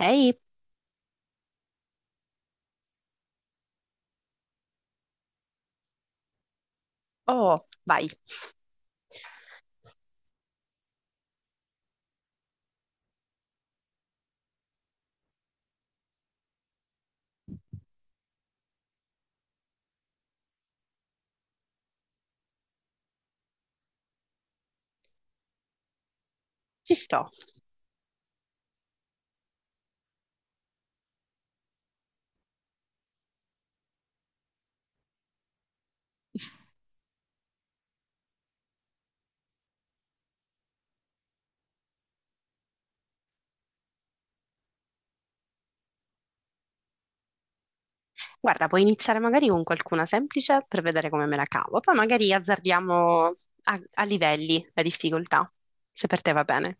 Ehi, oh, vai, ci sto. Guarda, puoi iniziare magari con qualcuna semplice per vedere come me la cavo, poi magari azzardiamo a livelli la difficoltà, se per te va bene.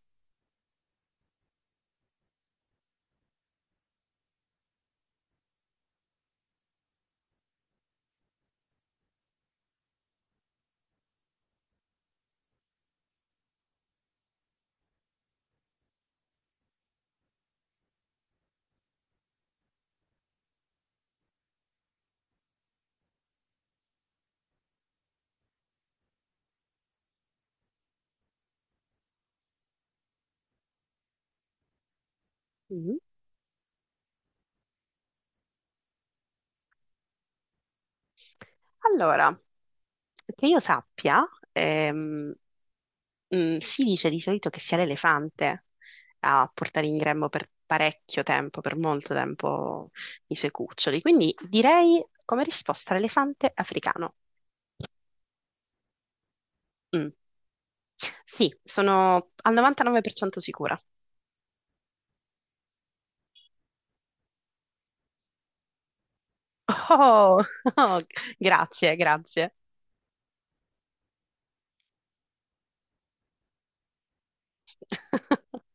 Mhm. Allora, che io sappia, ehm, si dice di solito che sia l'elefante a portare in grembo per parecchio tempo, per molto tempo, i suoi cuccioli, quindi direi come risposta l'elefante africano. Mm. Sì, sono al 99% sicura. Oh, oh, grazie, grazie.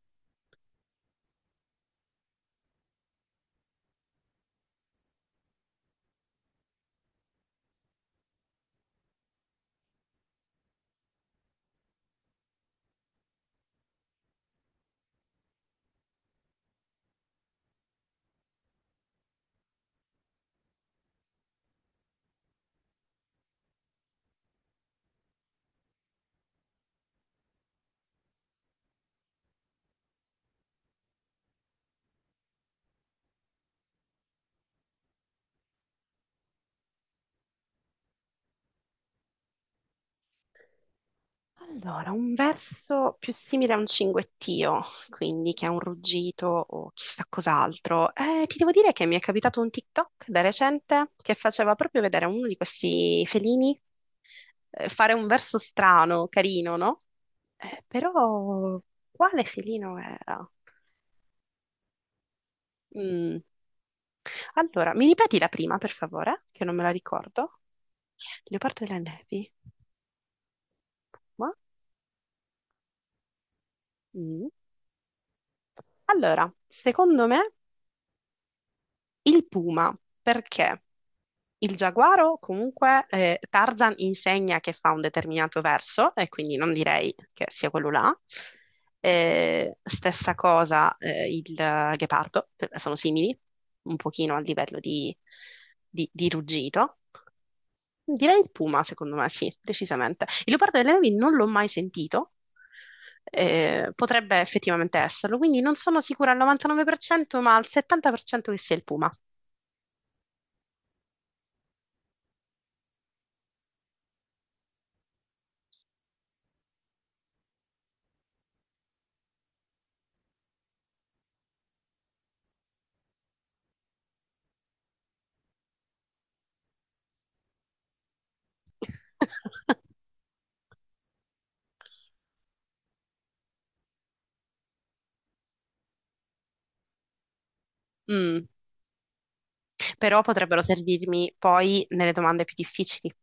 Allora, un verso più simile a un cinguettio, quindi che è un ruggito o chissà cos'altro. Ti devo dire che mi è capitato un TikTok da recente che faceva proprio vedere a uno di questi felini fare un verso strano, carino, no? Però quale felino era? Mm, allora, mi ripeti la prima, per favore, che non me la ricordo. Leopardo delle nevi. Ma? Mm. Allora, secondo me il puma, perché il giaguaro comunque Tarzan insegna che fa un determinato verso e quindi non direi che sia quello là. Stessa cosa il ghepardo, sono simili, un pochino a livello di ruggito. Direi il puma, secondo me, sì, decisamente. Il leopardo delle nevi non l'ho mai sentito, potrebbe effettivamente esserlo, quindi non sono sicura al 99%, ma al 70% che sia il puma. Mm, però potrebbero servirmi poi nelle domande più difficili.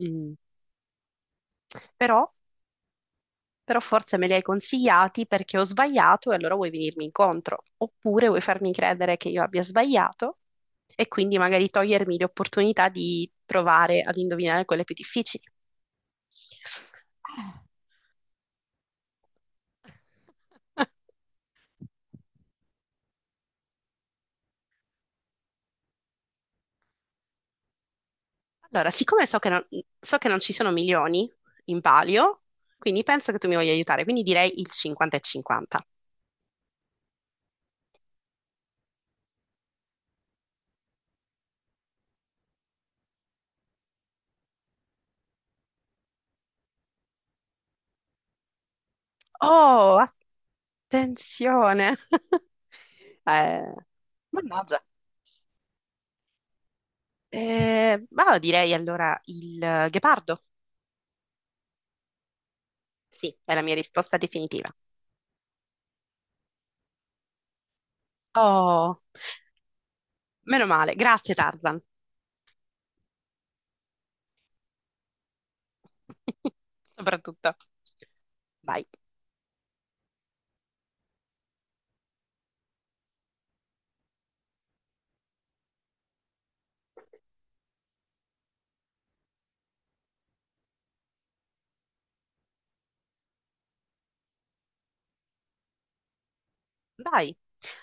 Mm, Però però forse me li hai consigliati perché ho sbagliato e allora vuoi venirmi incontro, oppure vuoi farmi credere che io abbia sbagliato e quindi magari togliermi l'opportunità di provare ad indovinare quelle più difficili. Allora, siccome so che non ci sono milioni in palio, quindi penso che tu mi voglia aiutare, quindi direi il 50 e 50. Oh, attenzione! Eh, mannaggia. Ma direi allora il ghepardo. Sì, è la mia risposta definitiva. Oh, meno male. Grazie, Tarzan. Soprattutto. Vai, vai.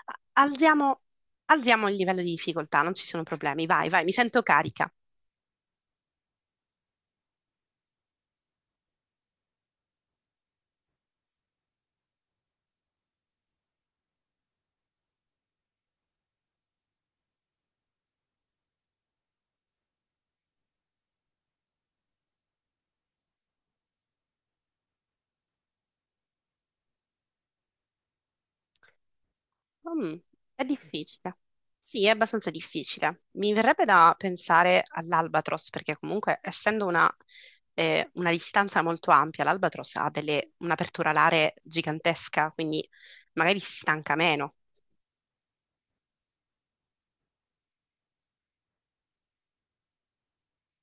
A- Alziamo, alziamo il livello di difficoltà, non ci sono problemi. Vai, vai, mi sento carica. Mm, è difficile. Sì, è abbastanza difficile. Mi verrebbe da pensare all'Albatros, perché comunque, essendo una distanza molto ampia, l'Albatros un'apertura alare gigantesca, quindi magari si stanca meno.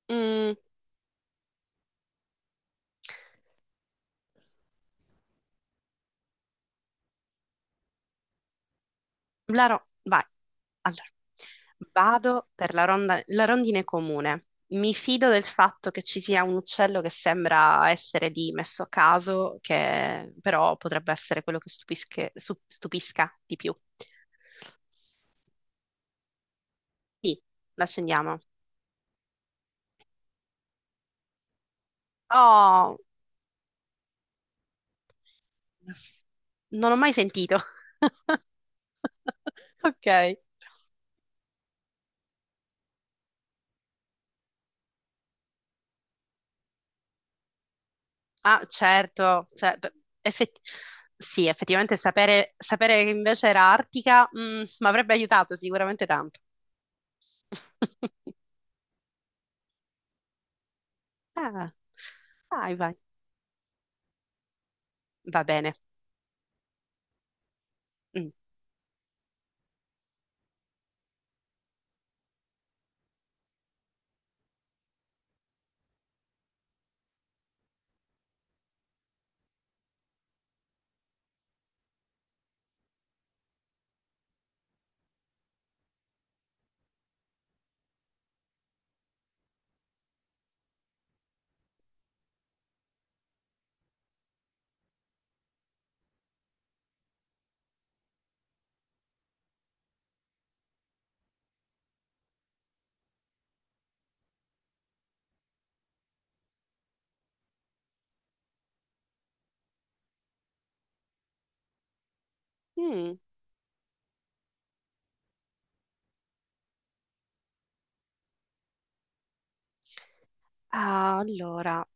Mm, vai. Allora, vado per la rondine comune. Mi fido del fatto che ci sia un uccello che sembra essere di messo a caso, che però potrebbe essere quello che stupisca, stupisca di più. Sì, l'accendiamo. Oh, non ho mai sentito. Ok. Ah, certo, cioè, beh, effett- sì, effettivamente sapere che invece era Artica, mi avrebbe aiutato sicuramente tanto. Ah, vai, vai, va bene. Mm. Mm. Ah, allora,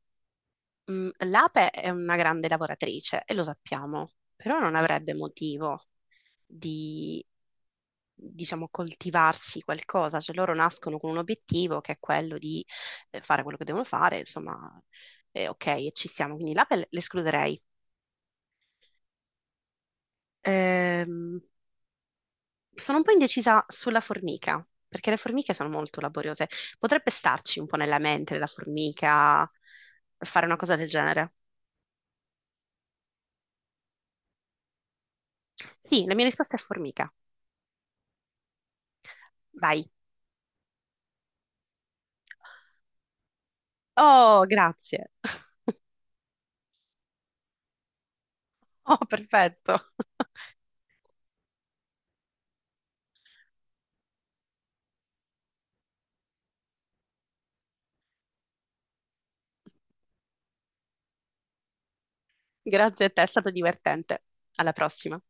mm, l'ape è una grande lavoratrice e lo sappiamo, però non avrebbe motivo di, diciamo, coltivarsi qualcosa, cioè loro nascono con un obiettivo che è quello di fare quello che devono fare, insomma, ok, e ci siamo, quindi l'ape l'escluderei. Ehm, Sono un po' indecisa sulla formica, perché le formiche sono molto laboriose. Potrebbe starci un po' nella mente la formica, fare una cosa del genere. Sì, la mia risposta è formica. Vai. Oh, grazie. Oh, perfetto. Grazie a te, è stato divertente. Alla prossima.